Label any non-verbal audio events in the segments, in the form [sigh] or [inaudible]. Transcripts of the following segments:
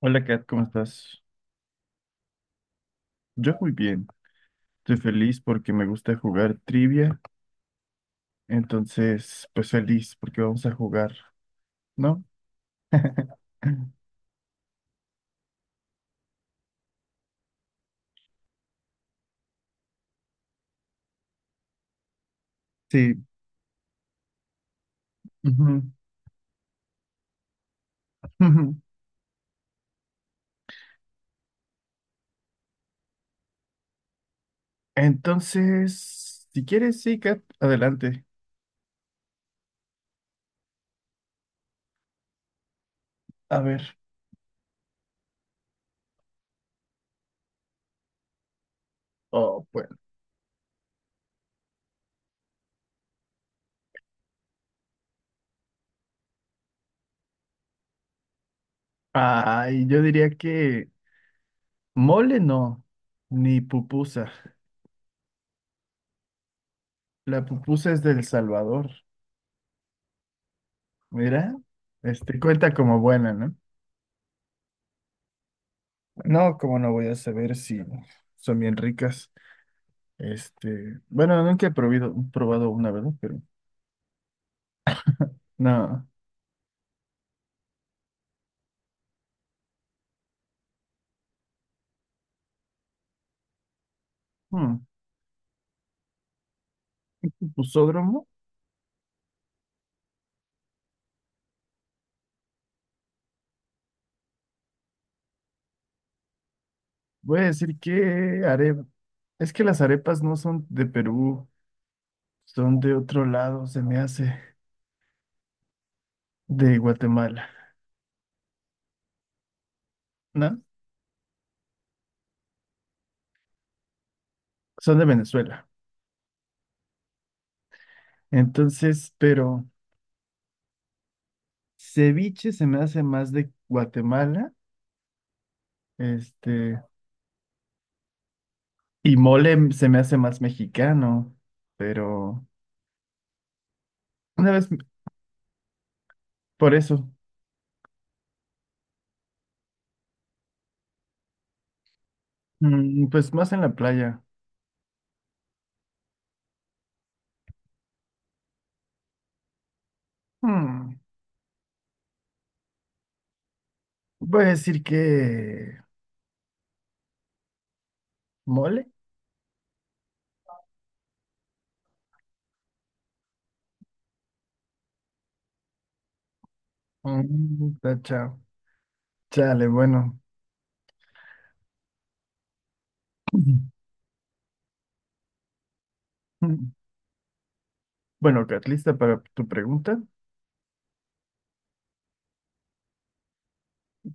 Hola Kat, ¿cómo estás? Yo muy bien. Estoy feliz porque me gusta jugar trivia. Entonces, pues feliz porque vamos a jugar, ¿no? [laughs] Sí. Ujú, ujú. Entonces, si quieres, sí, Kat, adelante. A ver. Oh, bueno. Ay, yo diría que mole no, ni pupusa. La pupusa es del Salvador. Mira, este cuenta como buena, ¿no? No, como no voy a saber si son bien ricas. Este, bueno, nunca he probado una, ¿verdad? Pero nada. Hmm. Pusódromo. Voy a decir que arepa. Es que las arepas no son de Perú, son de otro lado, se me hace, de Guatemala, ¿no? Son de Venezuela. Entonces, pero ceviche se me hace más de Guatemala, este, y mole se me hace más mexicano, pero una vez, por eso, pues más en la playa. Hmm. Voy a decir que mole. Mm, tacha. Chale, bueno. [clears throat] [laughs] Bueno, Kat, lista para tu pregunta.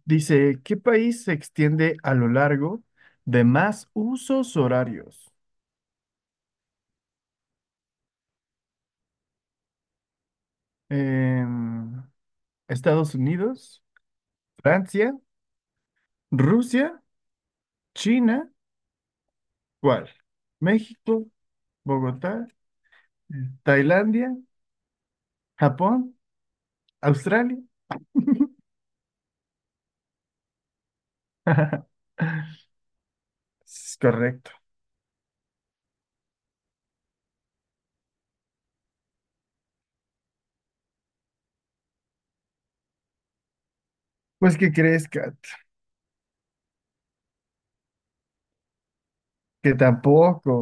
Dice, ¿qué país se extiende a lo largo de más usos horarios? Em, Estados Unidos, Francia, Rusia, China, ¿cuál? México, Bogotá, Tailandia, Japón, Australia. [laughs] Es correcto. Pues, ¿qué crees, Kat? Que tampoco.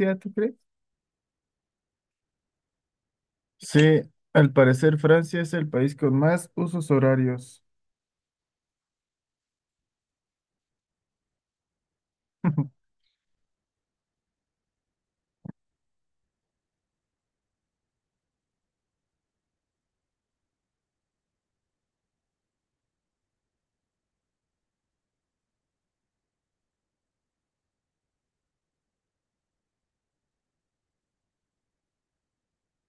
Francia, ¿tú crees? Sí, al parecer Francia es el país con más usos horarios. [laughs]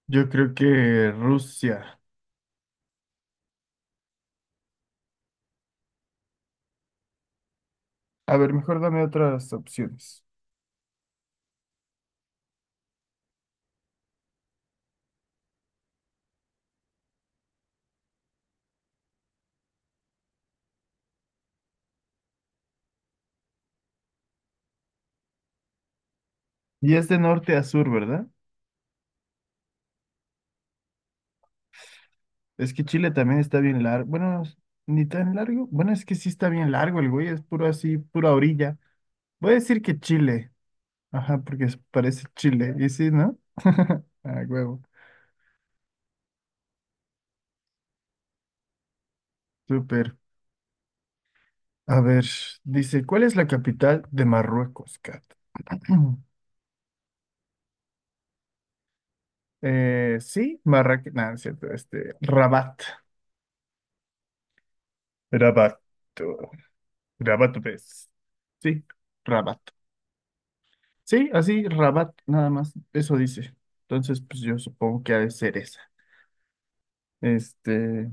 Yo creo que Rusia. A ver, mejor dame otras opciones. ¿Y es de norte a sur, verdad? Es que Chile también está bien largo. Bueno, ni tan largo. Bueno, es que sí está bien largo el güey, es puro así, pura orilla. Voy a decir que Chile. Ajá, porque parece Chile. ¿Y sí, no? [laughs] Ah, huevo. Súper. A ver, dice, ¿cuál es la capital de Marruecos, Kat? [clears throat] Sí, Marrakech, no, no es cierto, este, Rabat, Rabat, Rabat, ves. Sí, Rabat. Sí, así, Rabat, nada más, eso dice. Entonces, pues yo supongo que ha de ser esa. Este,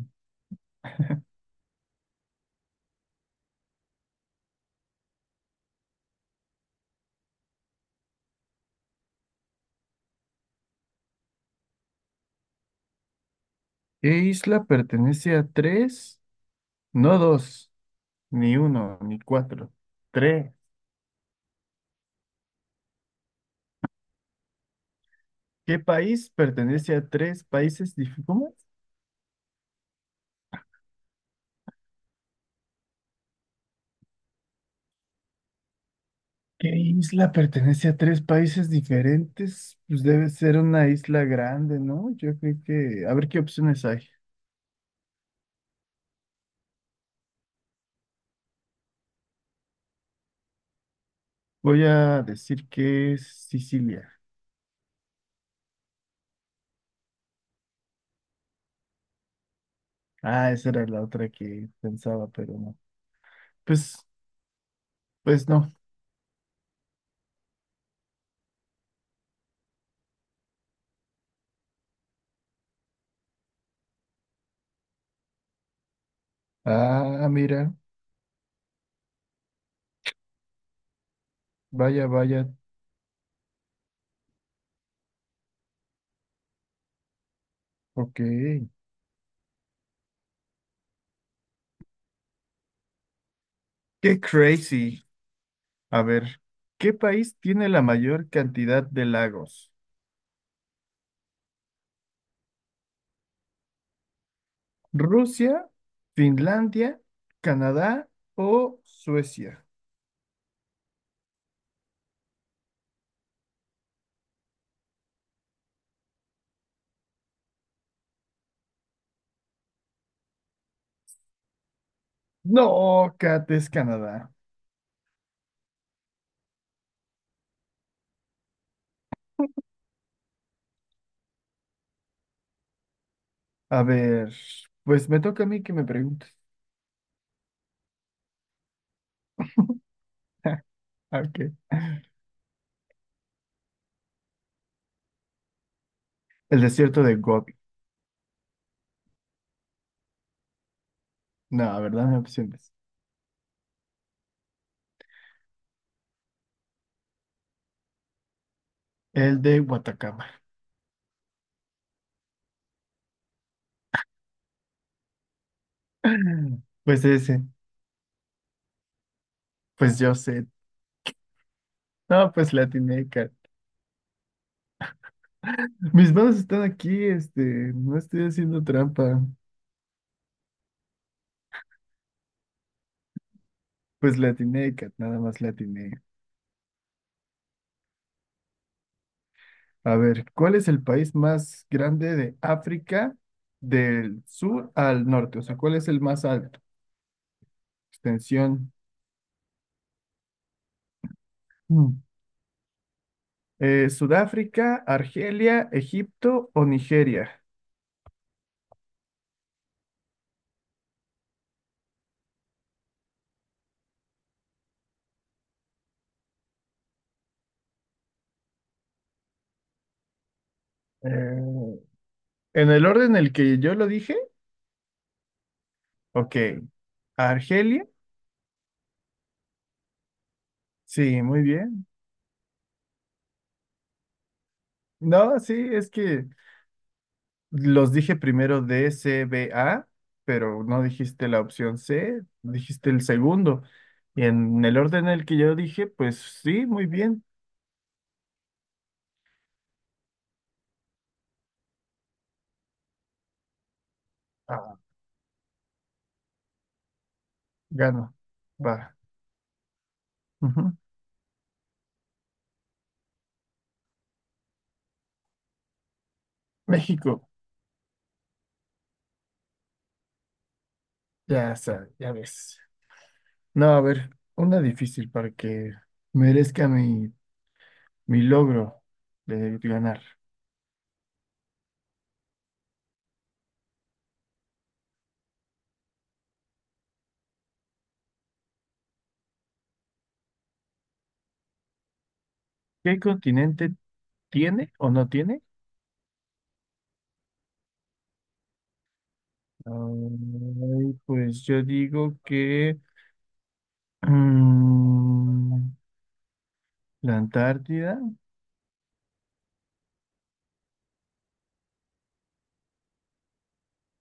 ¿qué isla pertenece a tres? No dos, ni uno, ni cuatro, tres. ¿Qué país pertenece a tres países? ¿Cómo? ¿Qué isla pertenece a tres países diferentes? Pues debe ser una isla grande, ¿no? Yo creo que... A ver qué opciones hay. Voy a decir que es Sicilia. Ah, esa era la otra que pensaba, pero no. Pues, pues no. Ah, mira. Vaya, vaya. Ok. Qué crazy. A ver, ¿qué país tiene la mayor cantidad de lagos? ¿Rusia, Finlandia, Canadá o Suecia? No, Kat, es Canadá. A ver, pues me toca a mí que me preguntes. [laughs] Ok. El desierto de Gobi. No, ¿verdad? No hay opciones. El de Watacama. [laughs] Pues ese. Pues yo sé. No, pues la atiné, Kat. Mis manos están aquí, este. No estoy haciendo trampa. Pues la atiné, Kat. Nada más la atiné. A ver, ¿cuál es el país más grande de África del sur al norte? O sea, ¿cuál es el más alto? Extensión. Mm. Sudáfrica, Argelia, Egipto o Nigeria. Eh, en el orden en el que yo lo dije, ok. Argelia, sí, muy bien. No, sí, es que los dije primero D, C, B, A, pero no dijiste la opción C, dijiste el segundo. Y en el orden en el que yo dije, pues sí, muy bien. Ah, gano. Va. Ujú. México, ya sabes, ya ves. No, a ver, una difícil para que merezca mi mi logro de ganar. ¿Qué continente tiene o no tiene? Ay, pues yo digo que mm, la Antártida.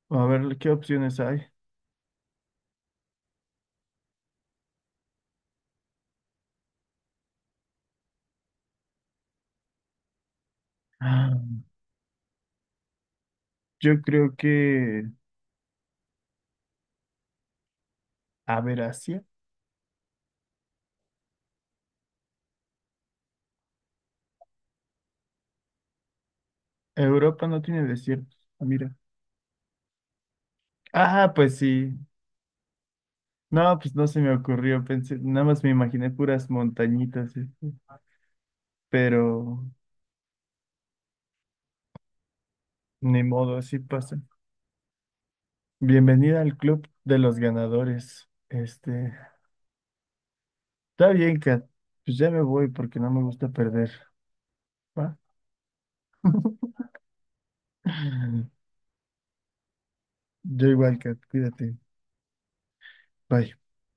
A ver, ¿qué opciones hay? Ah, yo creo que, a ver, Asia. Europa no tiene desiertos. Ah, mira. Ah, pues sí. No, pues no se me ocurrió. Pensé, nada más me imaginé puras montañitas, este, pero ni modo, así pasa. Bienvenida al club de los ganadores. Este, está bien, Kat. Pues ya me voy porque no me gusta perder. ¿Va? [laughs] Yo igual, Kat. Cuídate. Bye.